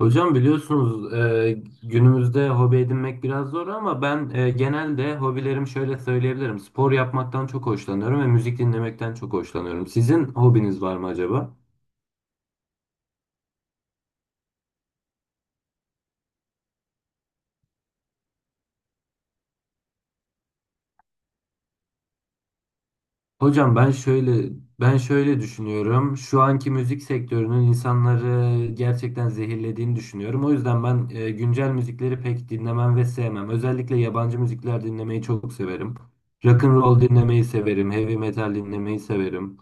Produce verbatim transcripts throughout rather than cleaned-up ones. Hocam biliyorsunuz e, günümüzde hobi edinmek biraz zor ama ben e, genelde hobilerim şöyle söyleyebilirim. Spor yapmaktan çok hoşlanıyorum ve müzik dinlemekten çok hoşlanıyorum. Sizin hobiniz var mı acaba? Hocam ben şöyle ben şöyle düşünüyorum. Şu anki müzik sektörünün insanları gerçekten zehirlediğini düşünüyorum. O yüzden ben e, güncel müzikleri pek dinlemem ve sevmem. Özellikle yabancı müzikler dinlemeyi çok severim. Rock and roll dinlemeyi severim, heavy metal dinlemeyi severim.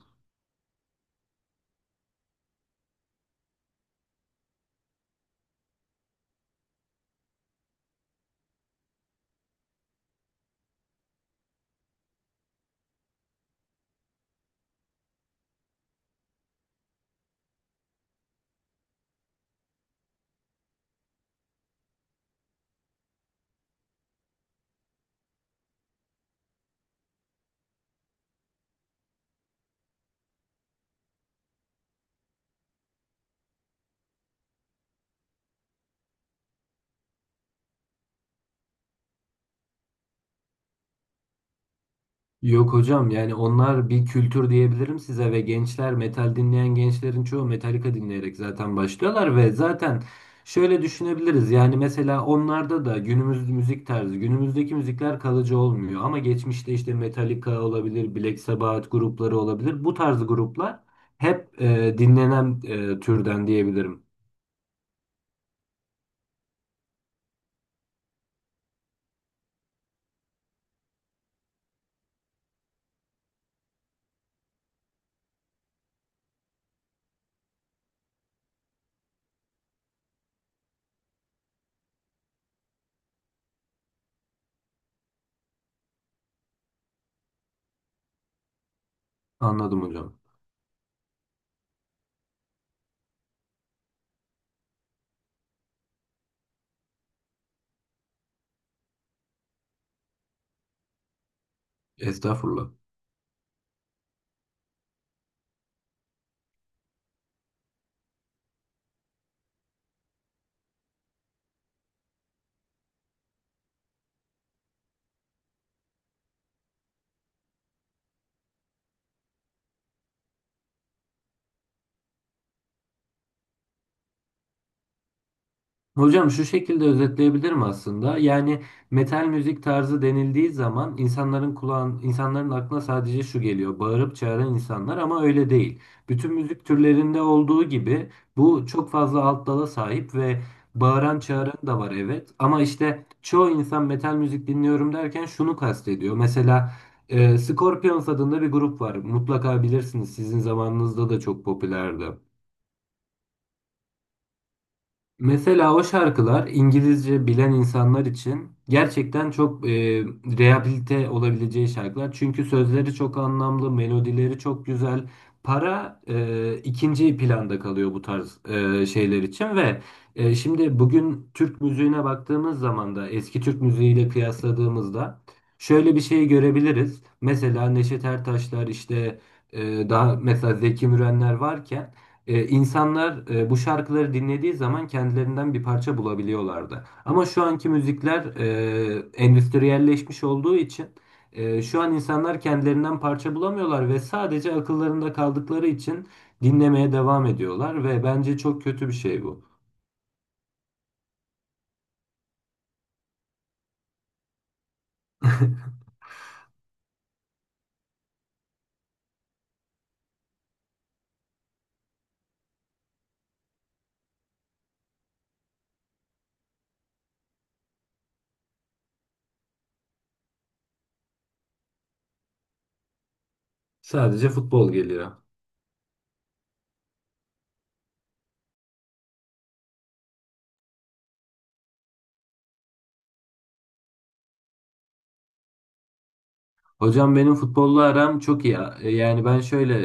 Yok hocam, yani onlar bir kültür diyebilirim size ve gençler metal dinleyen gençlerin çoğu Metallica dinleyerek zaten başlıyorlar ve zaten şöyle düşünebiliriz. Yani mesela onlarda da günümüz müzik tarzı günümüzdeki müzikler kalıcı olmuyor ama geçmişte işte Metallica olabilir, Black Sabbath grupları olabilir, bu tarz gruplar hep e, dinlenen e, türden diyebilirim. Anladım hocam. Estağfurullah. Hocam şu şekilde özetleyebilirim aslında. Yani metal müzik tarzı denildiği zaman insanların kulağın, insanların aklına sadece şu geliyor: bağırıp çağıran insanlar ama öyle değil. Bütün müzik türlerinde olduğu gibi bu çok fazla alt dala sahip ve bağıran çağıran da var, evet. Ama işte çoğu insan metal müzik dinliyorum derken şunu kastediyor. Mesela e, Scorpions adında bir grup var. Mutlaka bilirsiniz. Sizin zamanınızda da çok popülerdi. Mesela o şarkılar İngilizce bilen insanlar için gerçekten çok e, rehabilite olabileceği şarkılar. Çünkü sözleri çok anlamlı, melodileri çok güzel. Para e, ikinci planda kalıyor bu tarz e, şeyler için ve e, şimdi bugün Türk müziğine baktığımız zaman da eski Türk müziğiyle kıyasladığımızda şöyle bir şey görebiliriz. Mesela Neşet Ertaşlar işte e, daha mesela Zeki Mürenler varken ee, insanlar e, bu şarkıları dinlediği zaman kendilerinden bir parça bulabiliyorlardı. Ama şu anki müzikler e, endüstriyelleşmiş olduğu için e, şu an insanlar kendilerinden parça bulamıyorlar ve sadece akıllarında kaldıkları için dinlemeye devam ediyorlar ve bence çok kötü bir şey bu. Sadece futbol geliyor. Hocam benim futbolla aram çok iyi. E, Yani ben şöyle,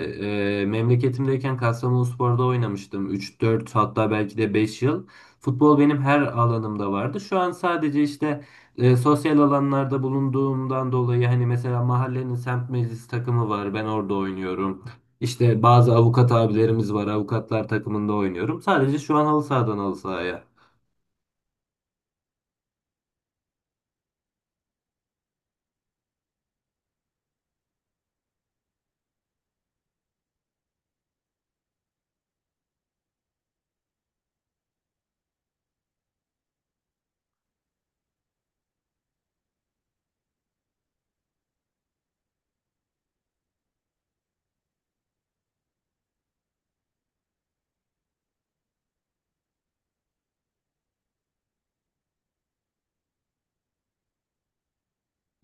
e, memleketimdeyken Kastamonuspor'da oynamıştım. Üç dört, hatta belki de beş yıl. Futbol benim her alanımda vardı. Şu an sadece işte e, sosyal alanlarda bulunduğumdan dolayı, hani mesela mahallenin semt meclis takımı var, ben orada oynuyorum. İşte bazı avukat abilerimiz var, avukatlar takımında oynuyorum. Sadece şu an halı sahadan halı sahaya.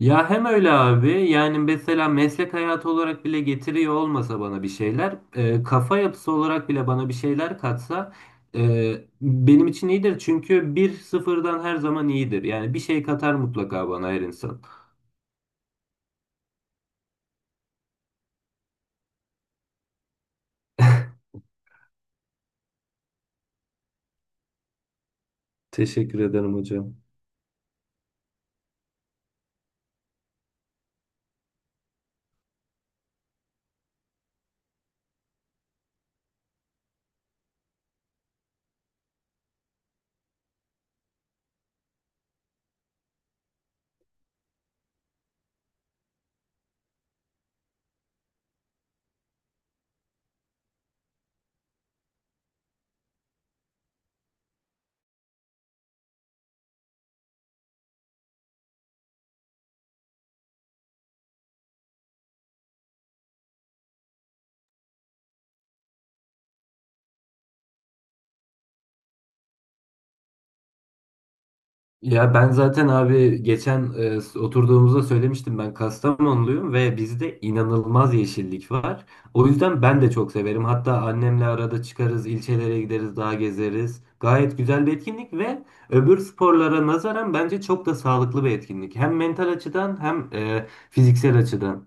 Ya hem öyle abi, yani mesela meslek hayatı olarak bile getiriyor olmasa bana bir şeyler, e, kafa yapısı olarak bile bana bir şeyler katsa e, benim için iyidir. Çünkü bir sıfırdan her zaman iyidir. Yani bir şey katar mutlaka bana her insan. Teşekkür ederim hocam. Ya ben zaten abi geçen e, oturduğumuzda söylemiştim, ben Kastamonluyum ve bizde inanılmaz yeşillik var. O yüzden ben de çok severim. Hatta annemle arada çıkarız, ilçelere gideriz, dağ gezeriz. Gayet güzel bir etkinlik ve öbür sporlara nazaran bence çok da sağlıklı bir etkinlik. Hem mental açıdan hem e, fiziksel açıdan.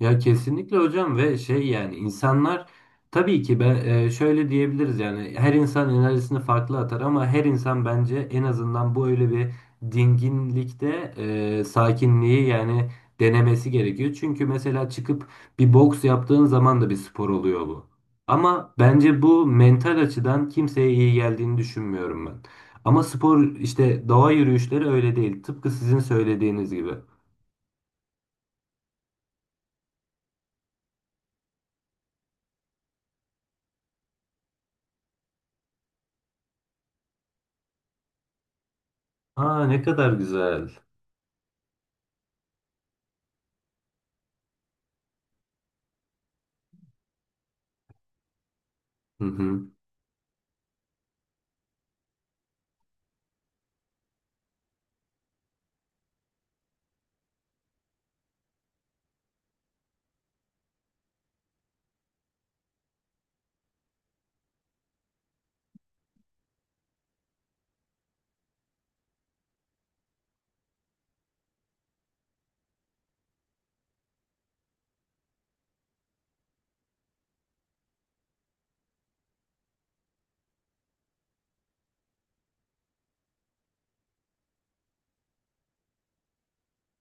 Ya kesinlikle hocam. Ve şey, yani insanlar tabii ki, ben e, şöyle diyebiliriz, yani her insan enerjisini farklı atar ama her insan bence en azından bu öyle bir dinginlikte e, sakinliği yani denemesi gerekiyor. Çünkü mesela çıkıp bir boks yaptığın zaman da bir spor oluyor bu. Ama bence bu mental açıdan kimseye iyi geldiğini düşünmüyorum ben. Ama spor, işte doğa yürüyüşleri öyle değil. Tıpkı sizin söylediğiniz gibi. Aa, ne kadar güzel. Hı hı.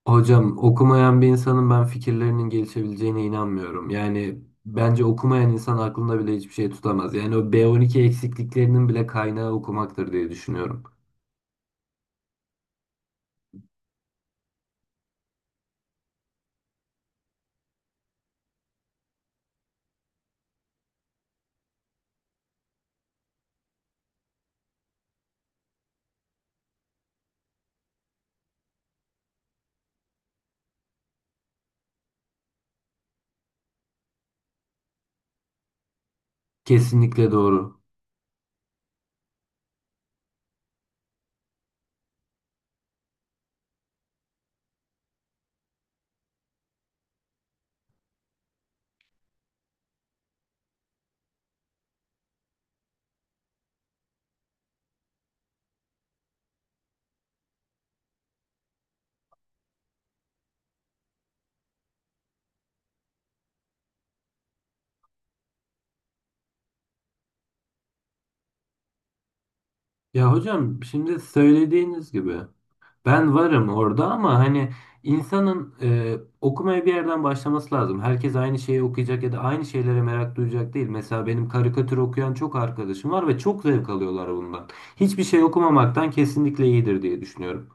Hocam okumayan bir insanın ben fikirlerinin gelişebileceğine inanmıyorum. Yani bence okumayan insan aklında bile hiçbir şey tutamaz. Yani o B on iki eksikliklerinin bile kaynağı okumaktır diye düşünüyorum. Kesinlikle doğru. Ya hocam şimdi söylediğiniz gibi, ben varım orada ama hani insanın e, okumaya bir yerden başlaması lazım. Herkes aynı şeyi okuyacak ya da aynı şeylere merak duyacak değil. Mesela benim karikatür okuyan çok arkadaşım var ve çok zevk alıyorlar bundan. Hiçbir şey okumamaktan kesinlikle iyidir diye düşünüyorum.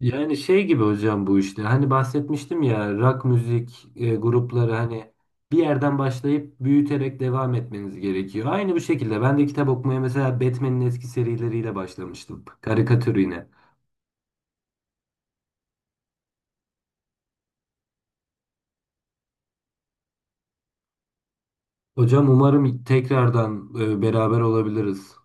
Yani şey gibi hocam, bu işte hani bahsetmiştim ya, rock müzik e, grupları, hani bir yerden başlayıp büyüterek devam etmeniz gerekiyor. Aynı bu şekilde ben de kitap okumaya mesela Batman'in eski serileriyle başlamıştım. Karikatür yine. Hocam umarım tekrardan e, beraber olabiliriz.